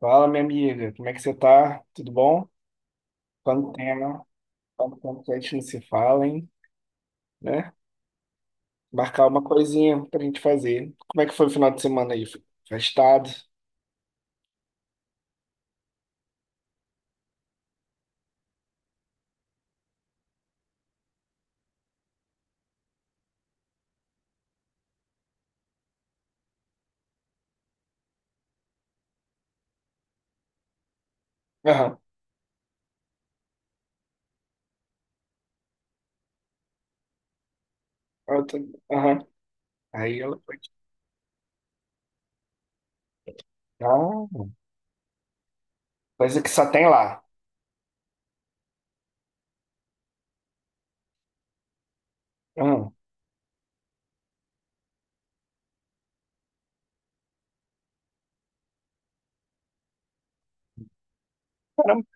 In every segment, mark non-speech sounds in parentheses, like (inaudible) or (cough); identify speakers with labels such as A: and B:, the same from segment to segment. A: Fala, minha amiga, como é que você tá? Tudo bom? Quanto tempo? Quanto tempo que a gente não se fala, hein? Né? Marcar uma coisinha pra gente fazer. Como é que foi o final de semana aí? Foi festado? Aham. Eu tô- Aham. Aí ela foi. Ah, coisa que só tem lá. Aham. Caramba.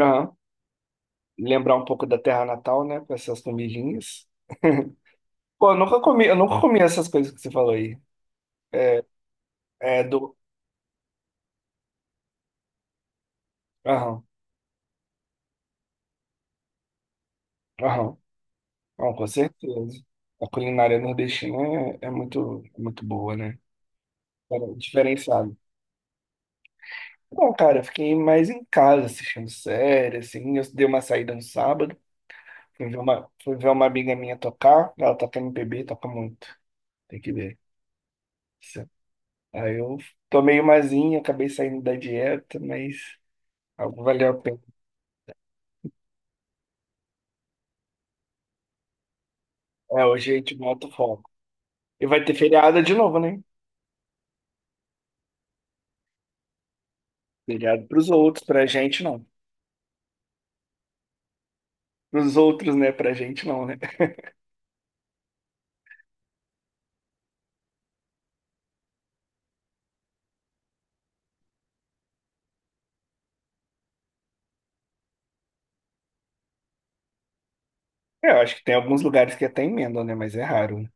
A: Aham. Lembrar um pouco da terra natal, né? Com essas comidinhas. (laughs) Pô, eu nunca comi essas coisas que você falou aí. É é do. Aham. Aham. Não, com certeza. A culinária nordestina é muito boa, né? Era diferenciado. Bom, cara, eu fiquei mais em casa assistindo série, assim. Eu dei uma saída no sábado, fui ver uma amiga minha tocar. Ela toca MPB, toca muito. Tem que ver. Isso. Aí eu tomei umazinha, acabei saindo da dieta, mas algo valeu a pena. É, hoje a gente bota o foco. E vai ter feriado de novo, né? Feriado pros outros, pra gente não. Pros outros, né? Pra gente não, né? É, eu acho que tem alguns lugares que até emendam, né? Mas é raro.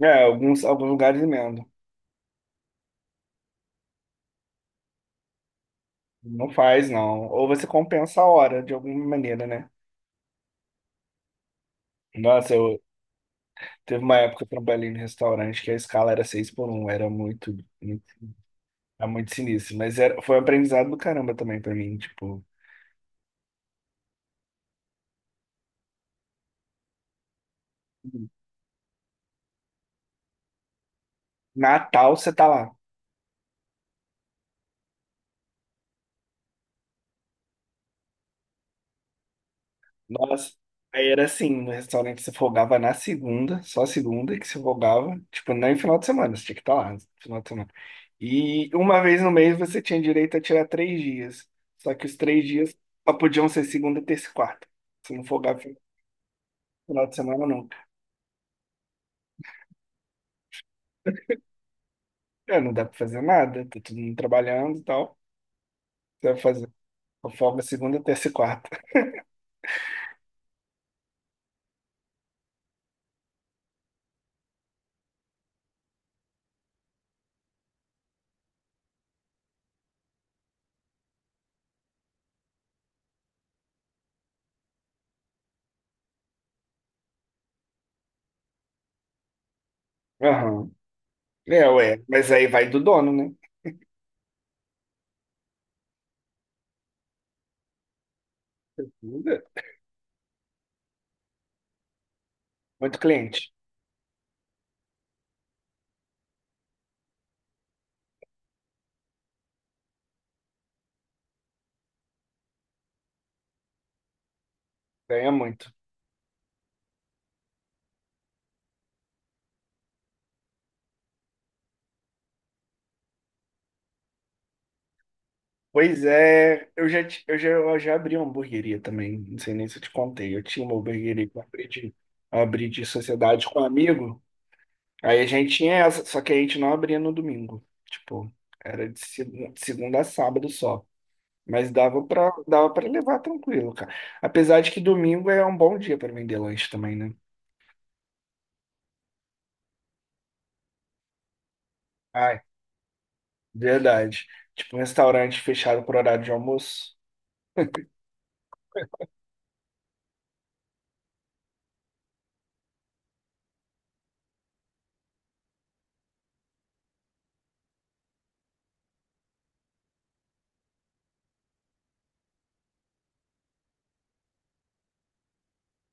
A: É, alguns lugares emendam. Não faz, não. Ou você compensa a hora de alguma maneira, né? Nossa, eu Teve uma época que eu trabalhei no restaurante que a escala era 6 por um, era muito, era muito sinistro. Mas foi um aprendizado do caramba também pra mim. Tipo, Natal você tá lá. Nossa, aí era assim, no restaurante você folgava na segunda, só segunda que você folgava, tipo, não final de semana, você tinha que estar lá no final de semana. E uma vez no mês você tinha direito a tirar três dias, só que os três dias só podiam ser segunda, terça e quarta. Você não folgava no final de semana nunca. É, não dá pra fazer nada, tá todo mundo trabalhando e tal. Você vai fazer só folga segunda, terça e quarta. Aham. É, ué, mas aí vai do dono, né? Muda. Muito cliente, ganha muito. Pois é, eu já, ti- eu já abri uma hamburgueria também, não sei nem se eu te contei. Eu tinha uma hamburgueria que eu abri de sociedade com um amigo. Aí a gente tinha essa, só que a gente não abria no domingo. Tipo, era de segunda, segunda a sábado só. Mas dava pra levar tranquilo, cara. Apesar de que domingo é um bom dia pra vender lanche também, né? Ai, verdade. Tipo, um restaurante fechado por horário de almoço.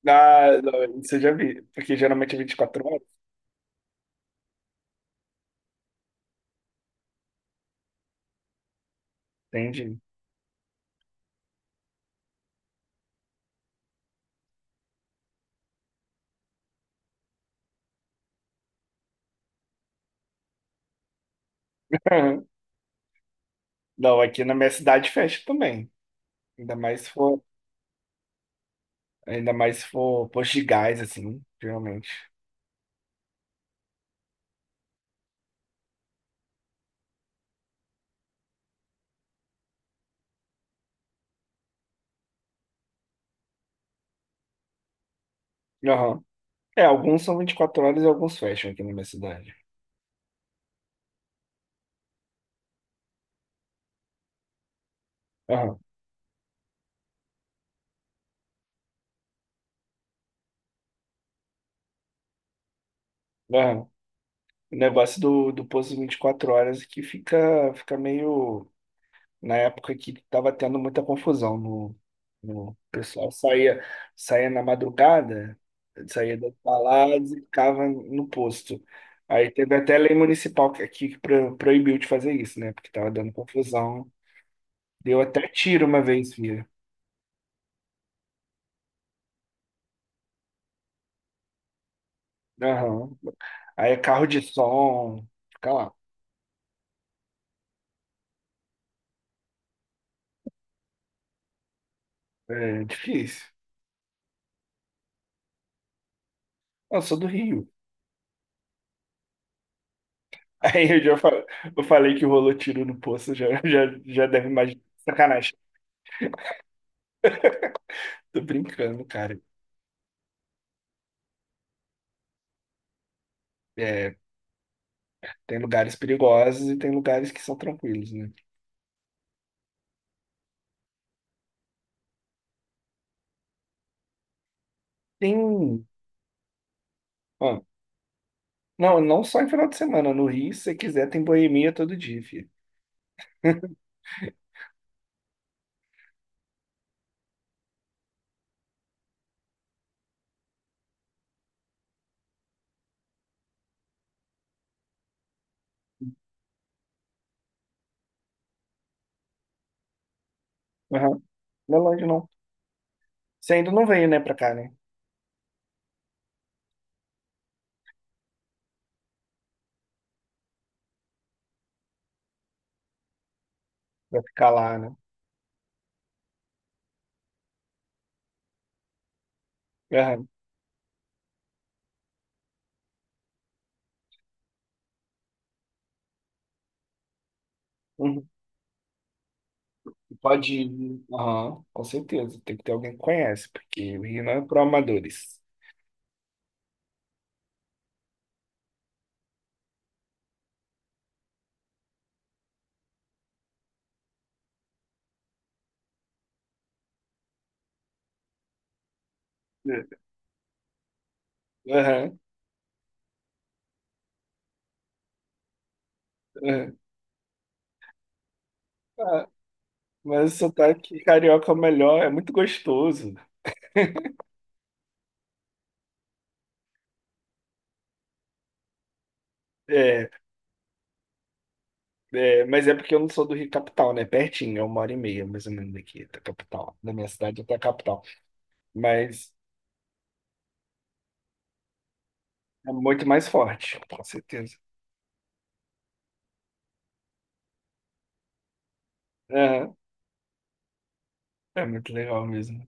A: Ah, não, isso eu já vi, porque geralmente é 24 horas, entende? (laughs) Não, aqui na minha cidade fecha também. Ainda mais se for, ainda mais se for posto de gás, assim, geralmente. Aham. É, alguns são 24 horas e alguns fecham aqui na minha cidade. Aham, aham. O negócio do posto 24 horas que fica meio, na época que estava tendo muita confusão no, no o pessoal saía na madrugada, saía das baladas e ficava no posto. Aí teve até lei municipal que aqui que proibiu de fazer isso, né? Porque estava dando confusão. Deu até tiro uma vez, via. Aham. Aí é carro de som, fica lá. É difícil. Eu sou do Rio. (laughs) Aí eu falei que rolou tiro no poço, já deve imaginar. Sacanagem. Tô brincando, cara. É, tem lugares perigosos e tem lugares que são tranquilos, né? Tem. Ah, não, não só em final de semana. No Rio, se você quiser, tem boemia todo dia, filho. Aham. Não é longe, não. Você ainda não veio, né, pra cá, né? Vai ficar lá, né? Aham. Uhum. Pode ir. Aham, com certeza. Tem que ter alguém que conhece, porque o Rio não é para amadores. É. Aham, aham. Ah, mas o sotaque carioca é o melhor, é muito gostoso. É, é, mas é porque eu não sou do Rio Capital, né? Pertinho, é 1 hora e meia, mais ou menos, daqui, da capital. Da minha cidade até a capital. Mas é muito mais forte, com certeza. Aham, é, muito legal mesmo.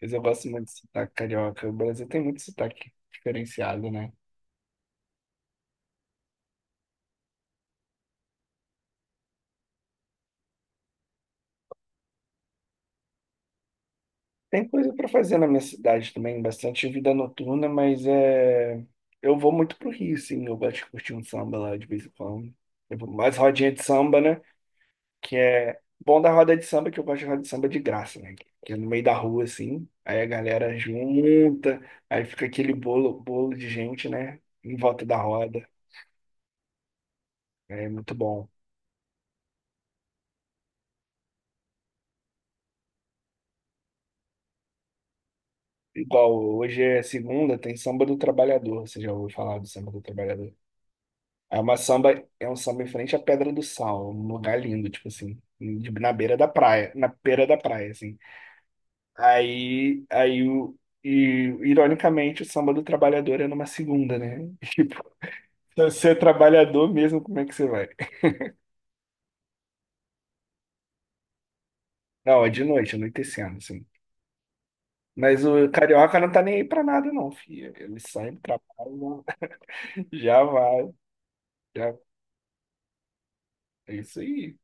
A: Mas eu gosto muito de sotaque carioca. O Brasil tem muito sotaque diferenciado, né? Tem coisa para fazer na minha cidade também, bastante vida noturna, mas é... eu vou muito pro Rio, sim. Eu gosto de curtir um samba lá de vez em quando. Eu vou mais rodinha de samba, né? Que é bom da roda de samba, que eu gosto de roda de samba de graça, né? Que é no meio da rua, assim, aí a galera junta, aí fica aquele bolo, bolo de gente, né? Em volta da roda. É muito bom. Igual hoje é segunda, tem samba do trabalhador. Você já ouviu falar do samba do trabalhador? É uma samba, é um samba em frente à Pedra do Sal, um lugar lindo, tipo assim, na beira da praia, na beira da praia, assim. Aí, aí o, e ironicamente o samba do trabalhador é numa segunda, né? (laughs) Se você é trabalhador mesmo, como é que você vai? Não, é de noite, anoitecendo, assim. Mas o carioca não tá nem aí pra nada, não, filho. Ele sai do trabalho, (laughs) já vai. Já... É isso aí,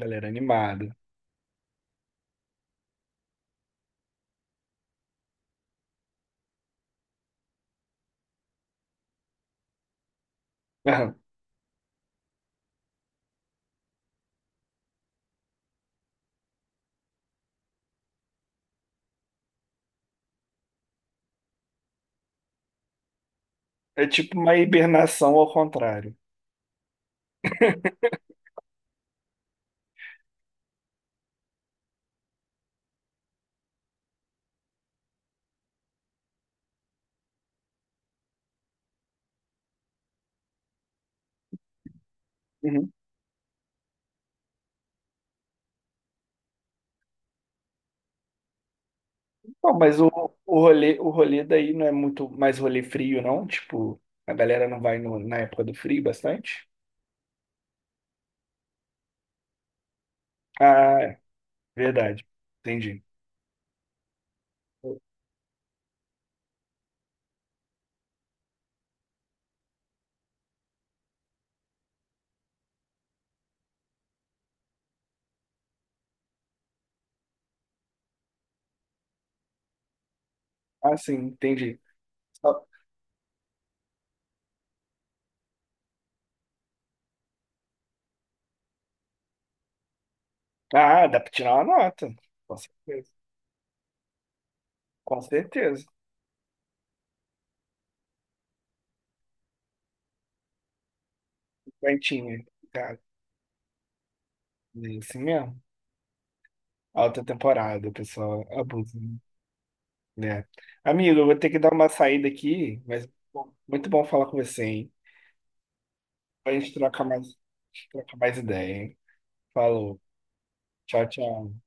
A: galera animada. (laughs) É tipo uma hibernação ao contrário. Uhum. Pô, mas o, o rolê daí não é muito mais rolê frio, não? Tipo, a galera não vai na época do frio bastante? Ah, é, verdade. Entendi. Ah, sim, entendi. Só- Ah, dá pra tirar uma nota. Nossa. Com certeza. Quentinha, cara. É isso mesmo. Alta temporada, o pessoal abusa, né? Amigo, eu vou ter que dar uma saída aqui, mas bom, muito bom falar com você, hein? Pra gente trocar mais ideia, hein? Falou. Tchau, tchau.